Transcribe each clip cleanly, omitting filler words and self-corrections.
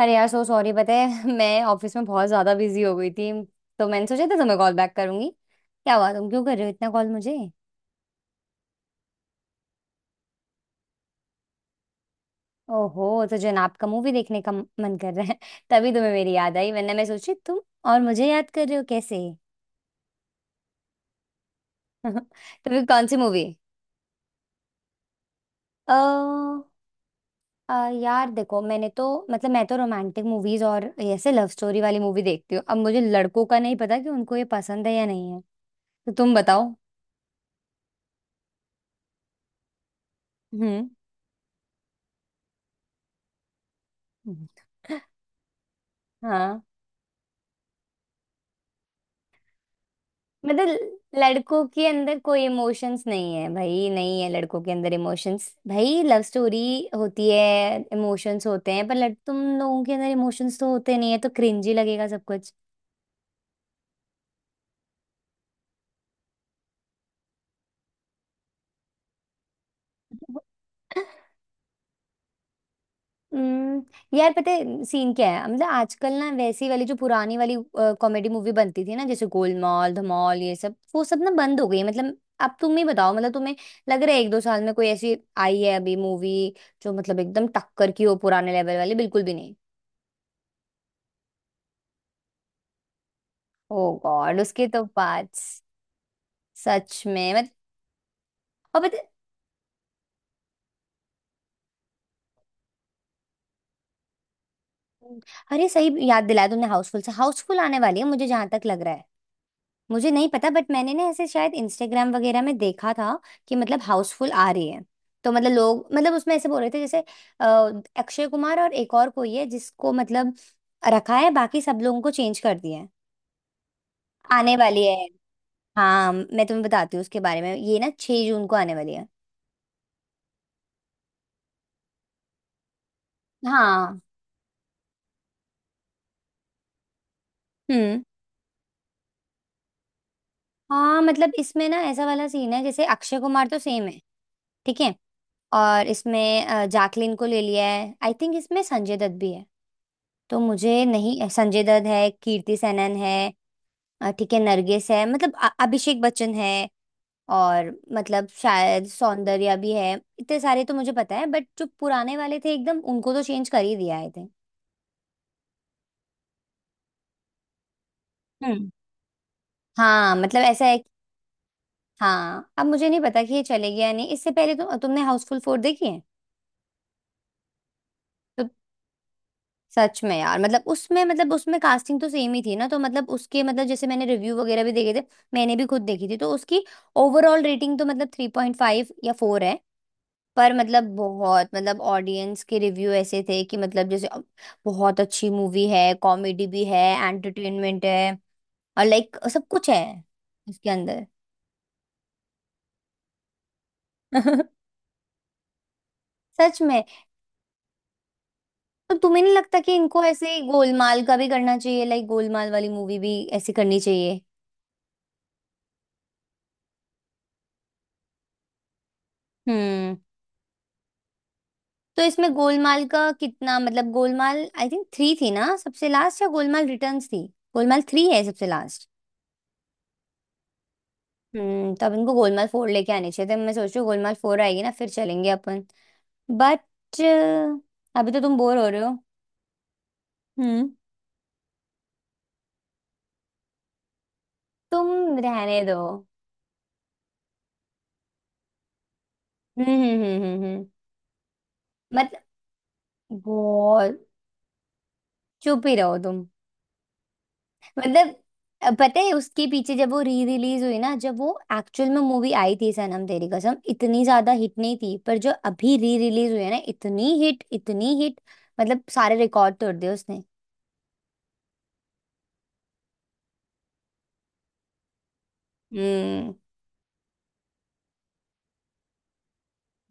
अरे यार so sorry पता है मैं ऑफिस में बहुत ज्यादा बिजी हो गई थी। तो मैंने सोचा था तुम्हें कॉल बैक करूंगी। क्या हुआ तुम क्यों कर रहे हो इतना कॉल मुझे? ओहो तो जनाब का मूवी देखने का मन कर रहा है तभी तुम्हें मेरी याद आई वरना मैं सोची तुम और मुझे याद कर रहे हो कैसे। तुम्हें कौन सी मूवी? अ अ, यार देखो मैंने तो मतलब मैं तो रोमांटिक मूवीज और ऐसे लव स्टोरी वाली मूवी देखती हूँ। अब मुझे लड़कों का नहीं पता कि उनको ये पसंद है या नहीं है। तो तुम बताओ। हम्म। हाँ मतलब लड़कों के अंदर कोई इमोशंस नहीं है भाई, नहीं है लड़कों के अंदर इमोशंस भाई। लव स्टोरी होती है, इमोशंस होते हैं पर लड़ तुम लोगों के अंदर इमोशंस तो होते नहीं है तो क्रिंजी लगेगा सब कुछ। हम्म। यार पता है सीन क्या है, मतलब आजकल ना वैसी वाली जो पुरानी वाली कॉमेडी मूवी बनती थी ना जैसे गोलमाल धमाल ये सब वो सब ना बंद हो गई है। मतलब अब तुम ही बताओ, मतलब तुम्हें लग रहा है एक दो साल में कोई ऐसी आई है अभी मूवी जो मतलब एकदम टक्कर की हो पुराने लेवल वाली? बिल्कुल भी नहीं। ओ गॉड उसके तो पार्ट्स सच में मत। और पता? अरे सही याद दिलाया तुमने हाउसफुल से, हाउसफुल आने वाली है मुझे जहां तक लग रहा है। मुझे नहीं पता बट मैंने ना ऐसे शायद इंस्टाग्राम वगैरह में देखा था कि मतलब हाउसफुल आ रही है। तो मतलब लोग मतलब उसमें ऐसे बोल रहे थे जैसे अ, अक्षय कुमार और एक और कोई है जिसको मतलब रखा है, बाकी सब लोगों को चेंज कर दिया है, आने वाली है। हाँ मैं तुम्हें बताती हूँ उसके बारे में, ये ना 6 जून को आने वाली है। हाँ। हम्म। हाँ मतलब इसमें ना ऐसा वाला सीन है, जैसे अक्षय कुमार तो सेम है। ठीक है, और इसमें जैकलिन को ले लिया है, आई थिंक इसमें संजय दत्त भी है। तो मुझे नहीं, संजय दत्त है, कीर्ति सेनन है। ठीक है, नरगिस है, मतलब अभिषेक बच्चन है और मतलब शायद सौंदर्या भी है। इतने सारे तो मुझे पता है बट जो पुराने वाले थे एकदम उनको तो चेंज कर ही दिया आई थिंक। हम्म। हाँ मतलब ऐसा है। हाँ अब मुझे नहीं पता कि ये चलेगी या नहीं। इससे पहले तो तुमने हाउसफुल 4 देखी है तो सच में यार मतलब उसमें, मतलब उसमें कास्टिंग तो सेम ही थी ना तो मतलब उसके मतलब जैसे मैंने रिव्यू वगैरह भी देखे थे। मैंने भी खुद देखी थी तो उसकी ओवरऑल रेटिंग तो मतलब 3.5 या 4 है। पर मतलब बहुत, मतलब ऑडियंस के रिव्यू ऐसे थे कि मतलब जैसे बहुत अच्छी मूवी है, कॉमेडी भी है, एंटरटेनमेंट है और लाइक सब कुछ है इसके अंदर। सच में। तो तुम्हें नहीं लगता कि इनको ऐसे गोलमाल का भी करना चाहिए? लाइक गोलमाल वाली मूवी भी ऐसी करनी चाहिए। हम्म। तो इसमें गोलमाल का कितना, मतलब गोलमाल आई थिंक 3 थी ना सबसे लास्ट, या गोलमाल रिटर्न्स थी। गोलमाल 3 है सबसे लास्ट। हम्म। तब इनको गोलमाल 4 लेके आने चाहिए थे। मैं सोच रही हूँ गोलमाल फोर आएगी ना फिर चलेंगे अपन। बट अभी तो तुम बोर हो रहे हो। हम्म। तुम रहने दो। हम्म हम्म हम्म हम्म हम्म। मत, बहुत, चुप ही रहो तुम। मतलब पता है उसके पीछे, जब वो री रिलीज हुई ना, जब वो एक्चुअल में मूवी आई थी सनम तेरी कसम, इतनी ज्यादा हिट नहीं थी पर जो अभी री रिलीज हुई है ना इतनी हिट, इतनी हिट, मतलब सारे रिकॉर्ड तोड़ दिए उसने। हम्म।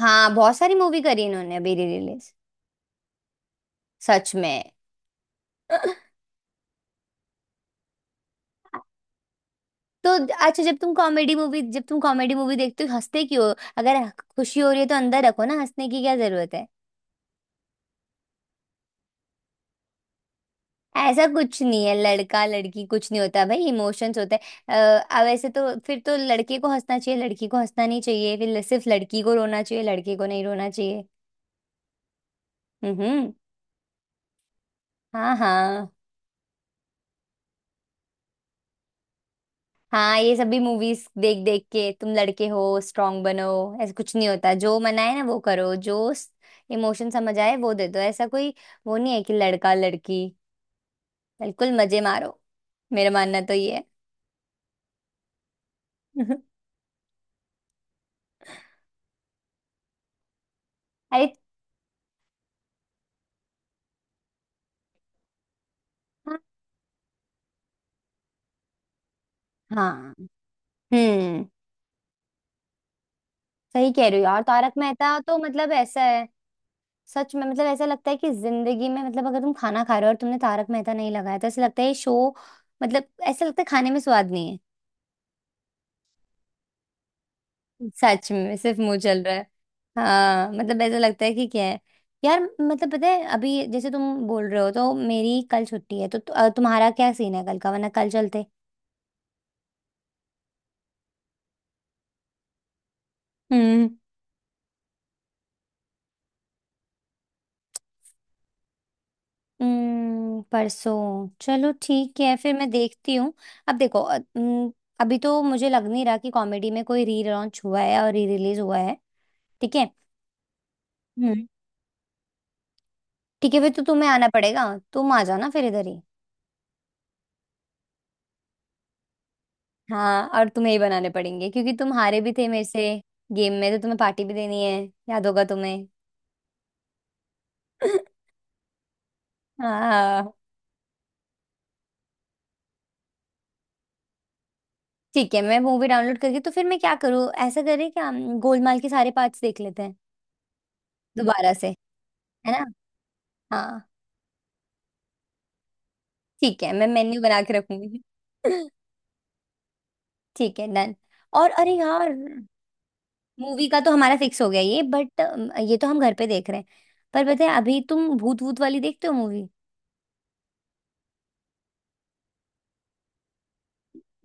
हाँ बहुत सारी मूवी करी इन्होंने अभी री रिलीज। सच में। तो अच्छा जब तुम कॉमेडी मूवी, जब तुम कॉमेडी मूवी देखते हो हंसते क्यों हो? अगर खुशी हो रही है तो अंदर रखो ना, हंसने की क्या जरूरत है। ऐसा कुछ नहीं है लड़का लड़की कुछ नहीं होता भाई, इमोशंस होते हैं। अब ऐसे तो फिर तो लड़के को हंसना चाहिए, लड़की को हंसना नहीं चाहिए, फिर सिर्फ लड़की को रोना चाहिए, लड़के को नहीं रोना चाहिए। हम्म। हाँ हाँ। हाँ ये सभी मूवीज देख देख के, तुम लड़के हो स्ट्रांग बनो। ऐसा कुछ नहीं होता, जो मना है ना वो करो, जो इमोशन समझ आए वो दे दो, ऐसा कोई वो नहीं है कि लड़का लड़की, बिल्कुल मजे मारो। मेरा मानना तो ये है। अरे, हाँ हाँ, हम्म सही कह रही हो यार। तारक मेहता तो मतलब ऐसा है, सच में मतलब ऐसा लगता है कि जिंदगी में, मतलब अगर तुम खाना खा रहे हो और तुमने तारक मेहता नहीं लगाया तो ऐसा लगता है ये शो, मतलब ऐसा लगता है खाने में स्वाद नहीं है। सच में सिर्फ मुंह चल रहा है। हाँ मतलब ऐसा लगता है कि क्या है। यार मतलब पता है अभी जैसे तुम बोल रहे हो, तो मेरी कल छुट्टी है तो तुम्हारा क्या सीन है कल का, वरना कल चलते। हम्म। परसों चलो ठीक है फिर, मैं देखती हूँ। अब देखो, अभी तो मुझे लग नहीं रहा कि कॉमेडी में कोई री लॉन्च हुआ है और री रिलीज हुआ है। ठीक है। हम्म। ठीक है फिर तो तुम्हें आना पड़ेगा। तुम आ जाना फिर इधर ही। हाँ और तुम्हें ही बनाने पड़ेंगे क्योंकि तुम हारे भी थे मेरे से गेम में, तो तुम्हें पार्टी भी देनी है, याद होगा तुम्हें। हाँ ठीक है, मैं मूवी डाउनलोड करके, तो फिर मैं क्या करूँ, ऐसा करें क्या, हम गोलमाल के सारे पार्ट्स देख लेते हैं दोबारा से, है ना? हाँ ठीक है, मैं मेन्यू बना के रखूंगी। ठीक है डन। और अरे यार मूवी का तो हमारा फिक्स हो गया ये, बट ये तो हम घर पे देख रहे हैं। पर पता है अभी तुम भूत भूत वाली देखते हो मूवी?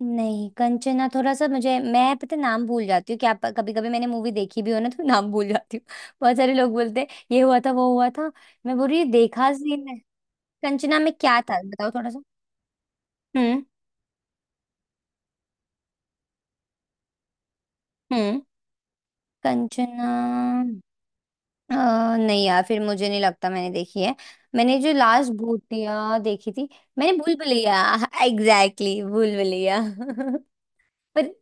नहीं कंचना, थोड़ा सा, मुझे, मैं पता है नाम भूल जाती हूँ क्या कभी कभी, मैंने मूवी देखी भी हो ना तो नाम भूल जाती हूँ। बहुत सारे लोग बोलते हैं ये हुआ था, वो हुआ था, मैं बोल रही हूँ, देखा सीन है। कंचना में क्या था बताओ थोड़ा सा। हम्म हम्म। कंचना? अ, नहीं यार फिर मुझे नहीं लगता मैंने देखी है। मैंने जो लास्ट भूतिया देखी थी, मैंने भूल भुलैया एग्जैक्टली exactly, भूल भुलैया पर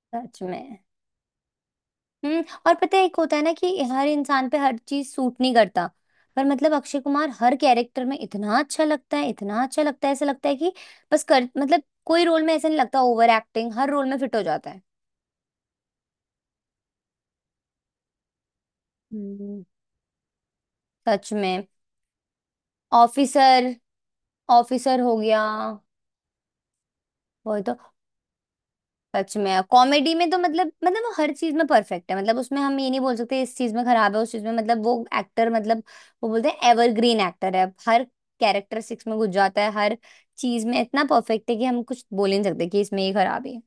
सच में। हम्म। और पता है एक होता है ना कि हर इंसान पे हर चीज सूट नहीं करता, पर मतलब अक्षय कुमार हर कैरेक्टर में इतना अच्छा लगता है, इतना अच्छा लगता है, ऐसा लगता है कि बस कर, मतलब कोई रोल में ऐसा नहीं लगता ओवर एक्टिंग, हर रोल में फिट हो जाता है। हम्म। सच में। ऑफिसर। ऑफिसर हो गया वो तो। सच में कॉमेडी में तो मतलब वो हर चीज में परफेक्ट है, मतलब उसमें हम ये नहीं बोल सकते इस चीज में खराब है, उस चीज में, मतलब वो एक्टर, मतलब वो बोलते हैं एवरग्रीन एक्टर है, हर कैरेक्टरिस्टिक्स में घुस जाता है, हर चीज में इतना परफेक्ट है कि हम कुछ बोल ही नहीं सकते कि इसमें ये खराब है।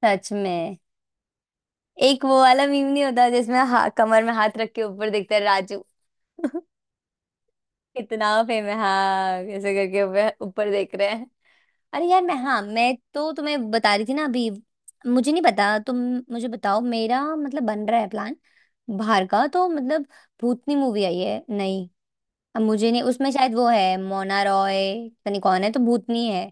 सच में। एक वो वाला मीम नहीं होता जिसमें कमर में हाथ रख के ऊपर देखता है राजू। कितना फेम है, हाँ ऐसे करके ऊपर ऊपर देख रहे हैं। अरे यार मैं, हाँ मैं तो तुम्हें बता रही थी ना अभी। मुझे नहीं पता तुम, मुझे बताओ, मेरा मतलब बन रहा है प्लान बाहर का, तो मतलब भूतनी मूवी आई है नहीं, अब मुझे नहीं, उसमें शायद वो है मोना रॉय, पता नहीं कौन है, तो भूतनी है,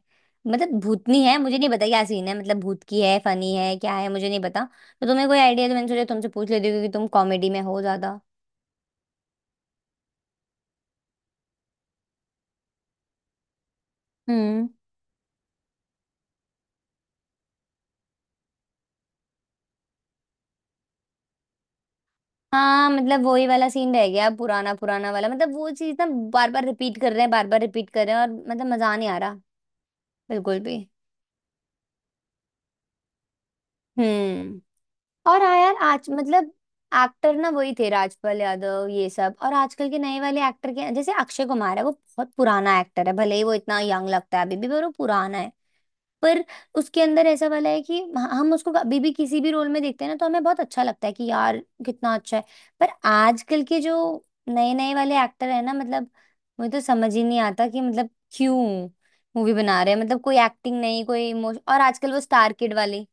मतलब भूतनी है, मुझे नहीं पता क्या सीन है, मतलब भूत की है, फनी है, क्या है मुझे नहीं पता। तो तुम्हें कोई आइडिया है, तो मैंने सोचा तुमसे पूछ लेती हूँ क्योंकि तुम कॉमेडी में हो ज्यादा। हम्म। हाँ मतलब वही वाला सीन रह गया, पुराना पुराना वाला, मतलब वो चीज ना, बार बार रिपीट कर रहे हैं, बार बार रिपीट कर रहे हैं, और मतलब मजा नहीं आ रहा बिल्कुल भी। हम्म। और हाँ यार आज मतलब एक्टर ना वही थे राजपाल यादव ये सब, और आजकल के नए वाले एक्टर के जैसे अक्षय कुमार है, वो बहुत पुराना एक्टर है, भले ही वो इतना यंग लगता है अभी भी, पर वो पुराना है। पर उसके अंदर ऐसा वाला है कि हम उसको अभी भी किसी भी रोल में देखते हैं ना तो हमें बहुत अच्छा लगता है कि यार कितना अच्छा है। पर आजकल के जो नए नए वाले एक्टर है ना, मतलब मुझे तो समझ ही नहीं आता कि मतलब क्यों मूवी बना रहे हैं, मतलब कोई एक्टिंग नहीं, कोई इमोशन, और आजकल वो स्टार किड वाली,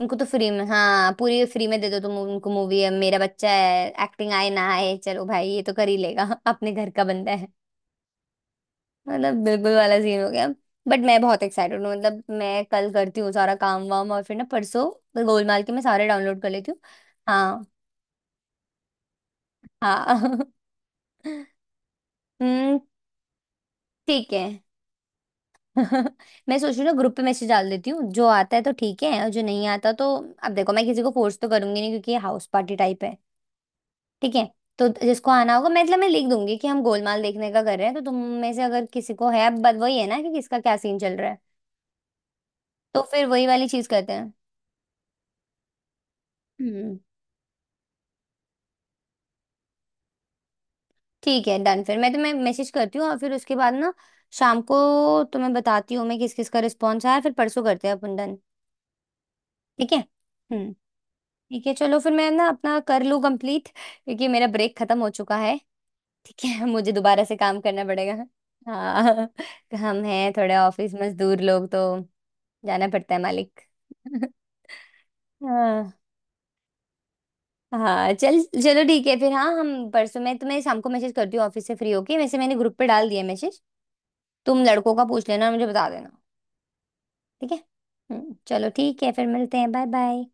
उनको तो फ्री में, हाँ पूरी फ्री में दे दो तुम उनको मूवी, है मेरा बच्चा है, एक्टिंग आए ना आए, चलो भाई ये तो कर ही लेगा अपने घर का बंदा, मतलब बिल्कुल वाला सीन हो गया। बट मैं बहुत एक्साइटेड हूँ, मतलब मैं कल करती हूँ सारा काम वाम, और फिर ना परसों गोलमाल के मैं सारे डाउनलोड कर लेती हूँ। हाँ। हाँ हम्म। ठीक है मैं सोच रही हूँ ना ग्रुप पे मैसेज डाल देती हूँ, जो आता है तो ठीक है और जो नहीं आता तो, अब देखो मैं किसी को फोर्स तो करूंगी नहीं क्योंकि ये हाउस पार्टी टाइप है। ठीक है। तो जिसको आना होगा, मैं मतलब मैं लिख दूंगी कि हम गोलमाल देखने का कर रहे हैं, तो तुम में से अगर किसी को है, अब बात वही है ना कि किसका क्या सीन चल रहा है, तो फिर वही वाली चीज करते हैं। ठीक है डन, फिर मैं तुम्हें मैसेज करती हूँ और फिर उसके बाद ना शाम को तुम्हें बताती हूँ मैं किस किस का रिस्पॉन्स आया, फिर परसों करते हैं अपन। डन। ठीक है। हम्म। ठीक है चलो, फिर मैं ना अपना कर लूँ कंप्लीट क्योंकि मेरा ब्रेक खत्म हो चुका है। ठीक है मुझे दोबारा से काम करना पड़ेगा। हाँ। हम हैं थोड़े ऑफिस मजदूर लोग तो, जाना पड़ता है मालिक। हाँ। हाँ चल चलो ठीक है फिर, हाँ हम परसों, मैं तुम्हें शाम को मैसेज करती हूँ ऑफिस से फ्री होके, वैसे मैंने ग्रुप पे डाल दिया मैसेज। तुम लड़कों का पूछ लेना और मुझे बता देना। ठीक है। चलो ठीक है फिर मिलते हैं, बाय बाय।